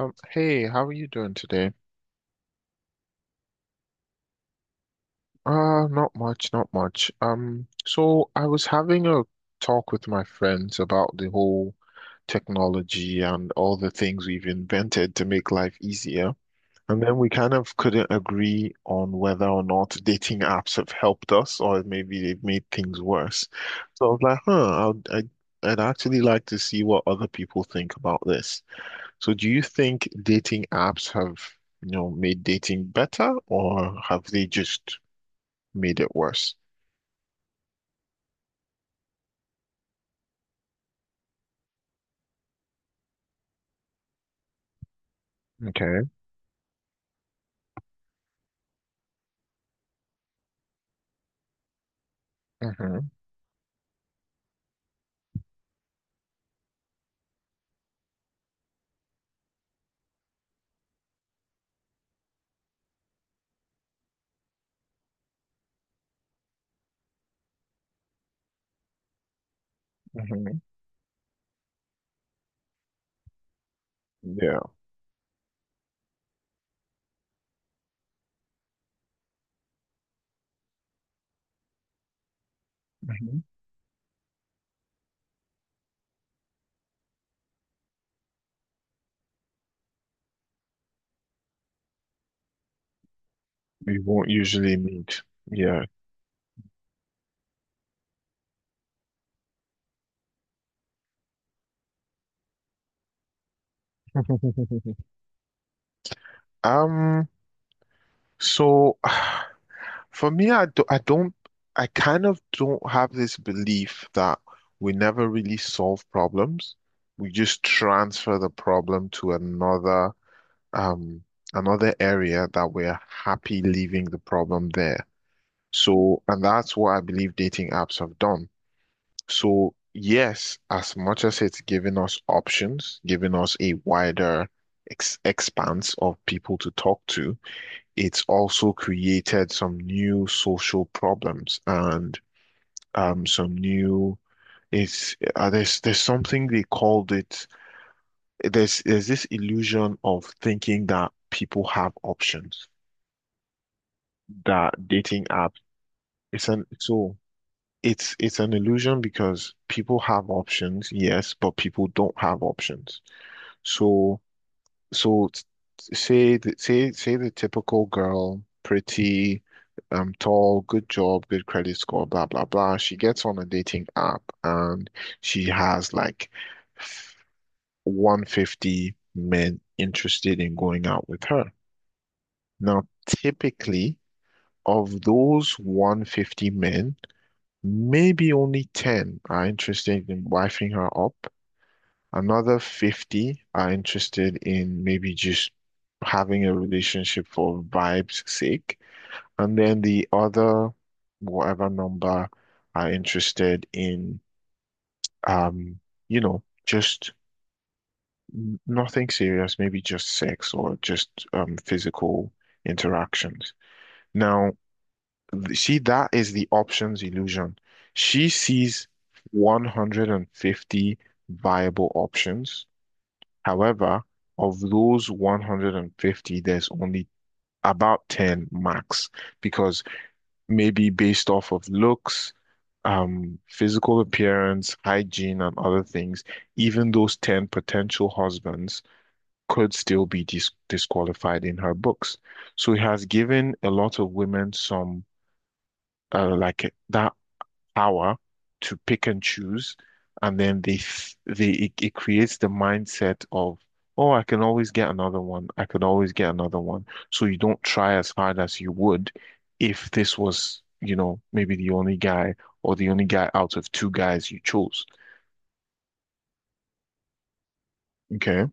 Hey, how are you doing today? Not much, not much. So I was having a talk with my friends about the whole technology and all the things we've invented to make life easier. And then we kind of couldn't agree on whether or not dating apps have helped us or maybe they've made things worse. So I was like, huh, I'd actually like to see what other people think about this. So do you think dating apps have, made dating better or have they just made it worse? Okay. Hmm. Hmm. Yeah. Hmm. We won't usually meet. Yeah. Um, so for me, I kind of don't have this belief that we never really solve problems. We just transfer the problem to um another area that we're happy leaving the problem there. So, and that's what I believe dating apps have done. So, yes, as much as it's given us options, giving us a wider ex expanse of people to talk to, it's also created some new social problems and some new It's there's something they called it. There's this illusion of thinking that people have options. That dating app it's an so It's an illusion because people have options, yes, but people don't have options. So so t- say the, say say the typical girl, pretty, tall, good job, good credit score, blah blah blah. She gets on a dating app and she has like 150 men interested in going out with her. Now, typically, of those 150 men, maybe only 10 are interested in wifing her up. Another 50 are interested in maybe just having a relationship for vibes' sake. And then the other, whatever number, are interested in, um, just nothing serious, maybe just sex or just physical interactions. Now, see, that is the options illusion. She sees 150 viable options. However, of those 150, there's only about 10 max because maybe based off of looks, physical appearance, hygiene, and other things, even those 10 potential husbands could still be disqualified in her books. So it has given a lot of women some like that power to pick and choose, and then they f- they it, it creates the mindset of, oh, I can always get another one. I can always get another one. So you don't try as hard as you would if this was maybe the only guy or the only guy out of two guys you chose. Okay.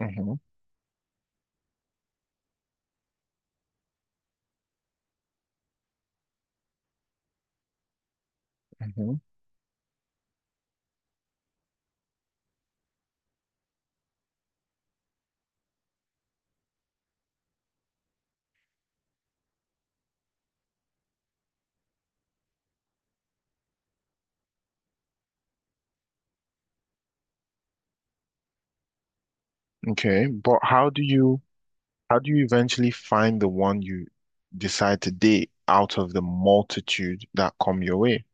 Hmm. Hmm. Okay. But how do you eventually find the one you decide to date out of the multitude that come your way?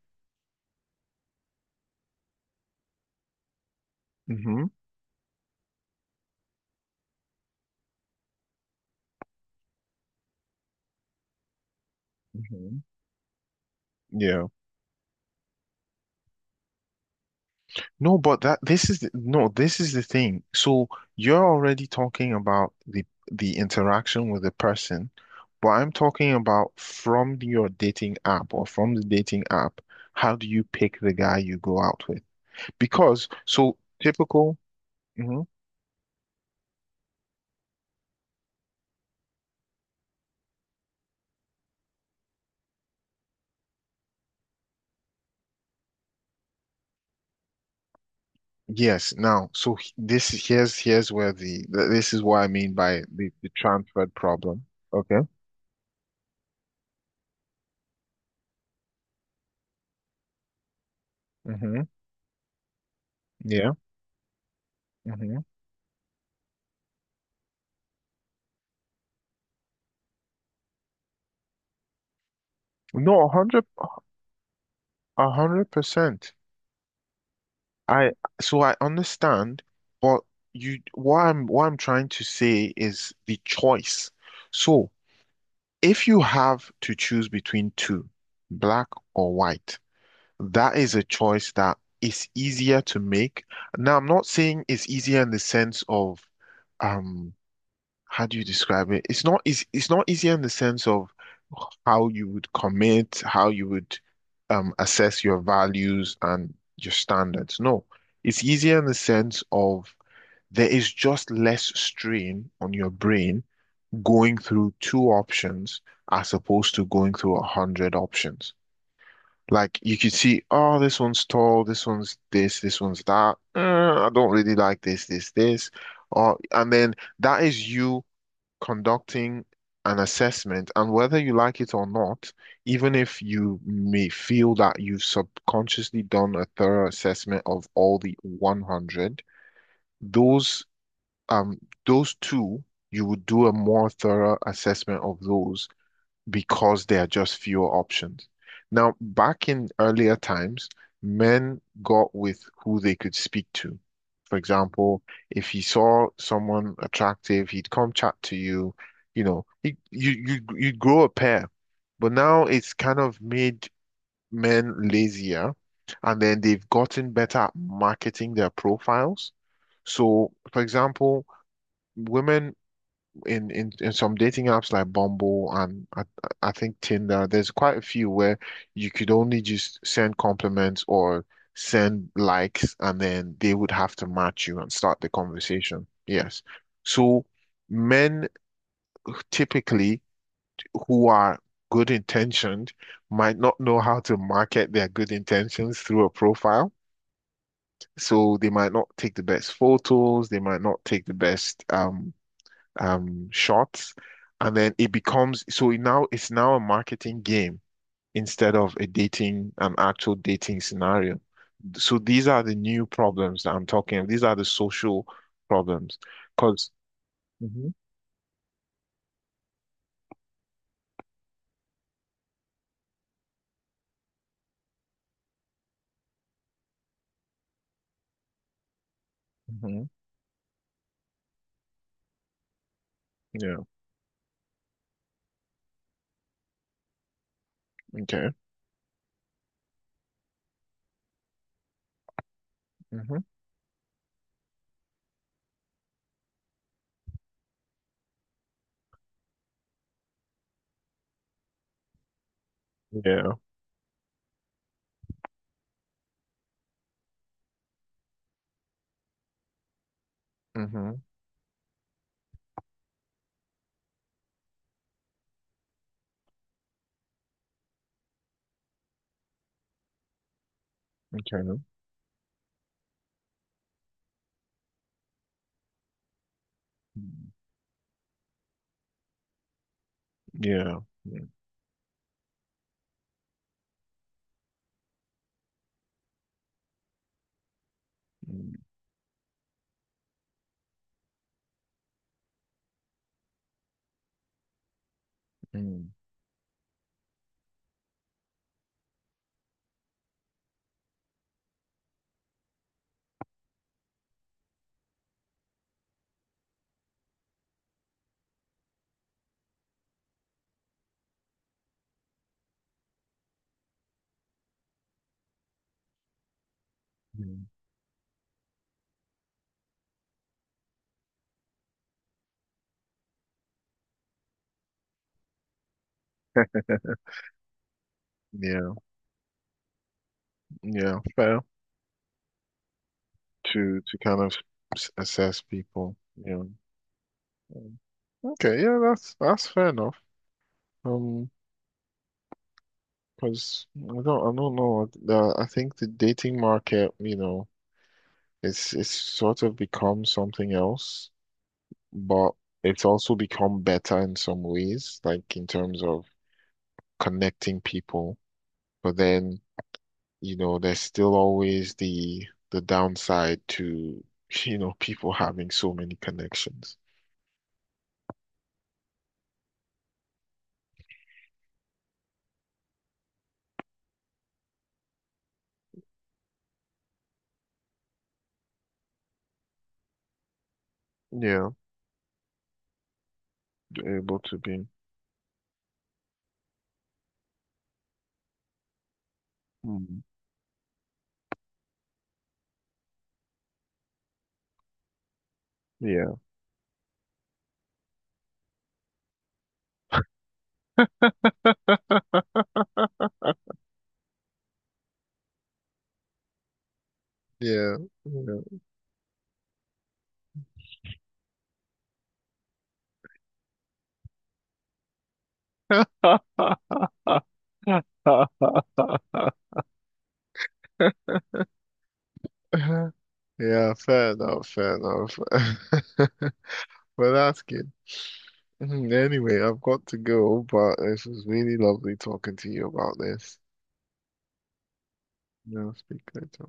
Hmm. Hmm. Yeah. No, but that this is the, no, this is the thing. So you're already talking about the interaction with the person, but I'm talking about from your dating app or from the dating app, how do you pick the guy you go out with? Because so typical. Mhm. Yes. Now, so h- this here's where the th- this is what I mean by the transferred problem. Okay. Hmm. Yeah. Hmm. No, a hundred percent. I So I understand, but you what I'm trying to say is the choice. So if you have to choose between two, black or white, that is a choice that is easier to make. Now, I'm not saying it's easier in the sense of um how do you describe it? It's not easy in the sense of how you would commit, how you would assess your values and your standards. No, it's easier in the sense of there is just less strain on your brain going through two options as opposed to going through a hundred options. Like you could see, oh, this one's tall, this one's this, this one's that. I don't really like this, this, this. Or and then that is you conducting an assessment, and whether you like it or not, even if you may feel that you've subconsciously done a thorough assessment of all the 100, those um those two, you would do a more thorough assessment of those because there are just fewer options. Now, back in earlier times, men got with who they could speak to. For example, if he saw someone attractive, he'd come chat to you. You know, he, you grow a pair. But now it's kind of made men lazier, and then they've gotten better at marketing their profiles. So, for example, women in some dating apps like Bumble and I think Tinder, there's quite a few where you could only just send compliments or send likes, and then they would have to match you and start the conversation. Yes. So men typically who are good intentioned might not know how to market their good intentions through a profile. So they might not take the best photos, they might not take the best shots, and then it becomes so it now it's now a marketing game instead of an actual dating scenario. So these are the new problems that I'm talking of. These are the social problems, because. Hmm. Hmm. Yeah. Okay. Hmm. Yeah. Hmm. Okay. Mm. Yeah. Mm. Mm. Mm. Mm. Yeah. Yeah, fair. To kind of assess people. Yeah. Mm. Okay, yeah, that's fair enough. Um, because I don't know. I think the dating market, it's sort of become something else, but it's also become better in some ways, like in terms of connecting people. But then, there's still always the downside to, people having so many connections. Yeah, able to be. Mm. Yeah. Yeah. Yeah. Yeah, fair enough, fair enough. Well, that's good. Mhm. Anyway, I've got to go, but this was really lovely talking to you about this. Yeah, I'll speak later.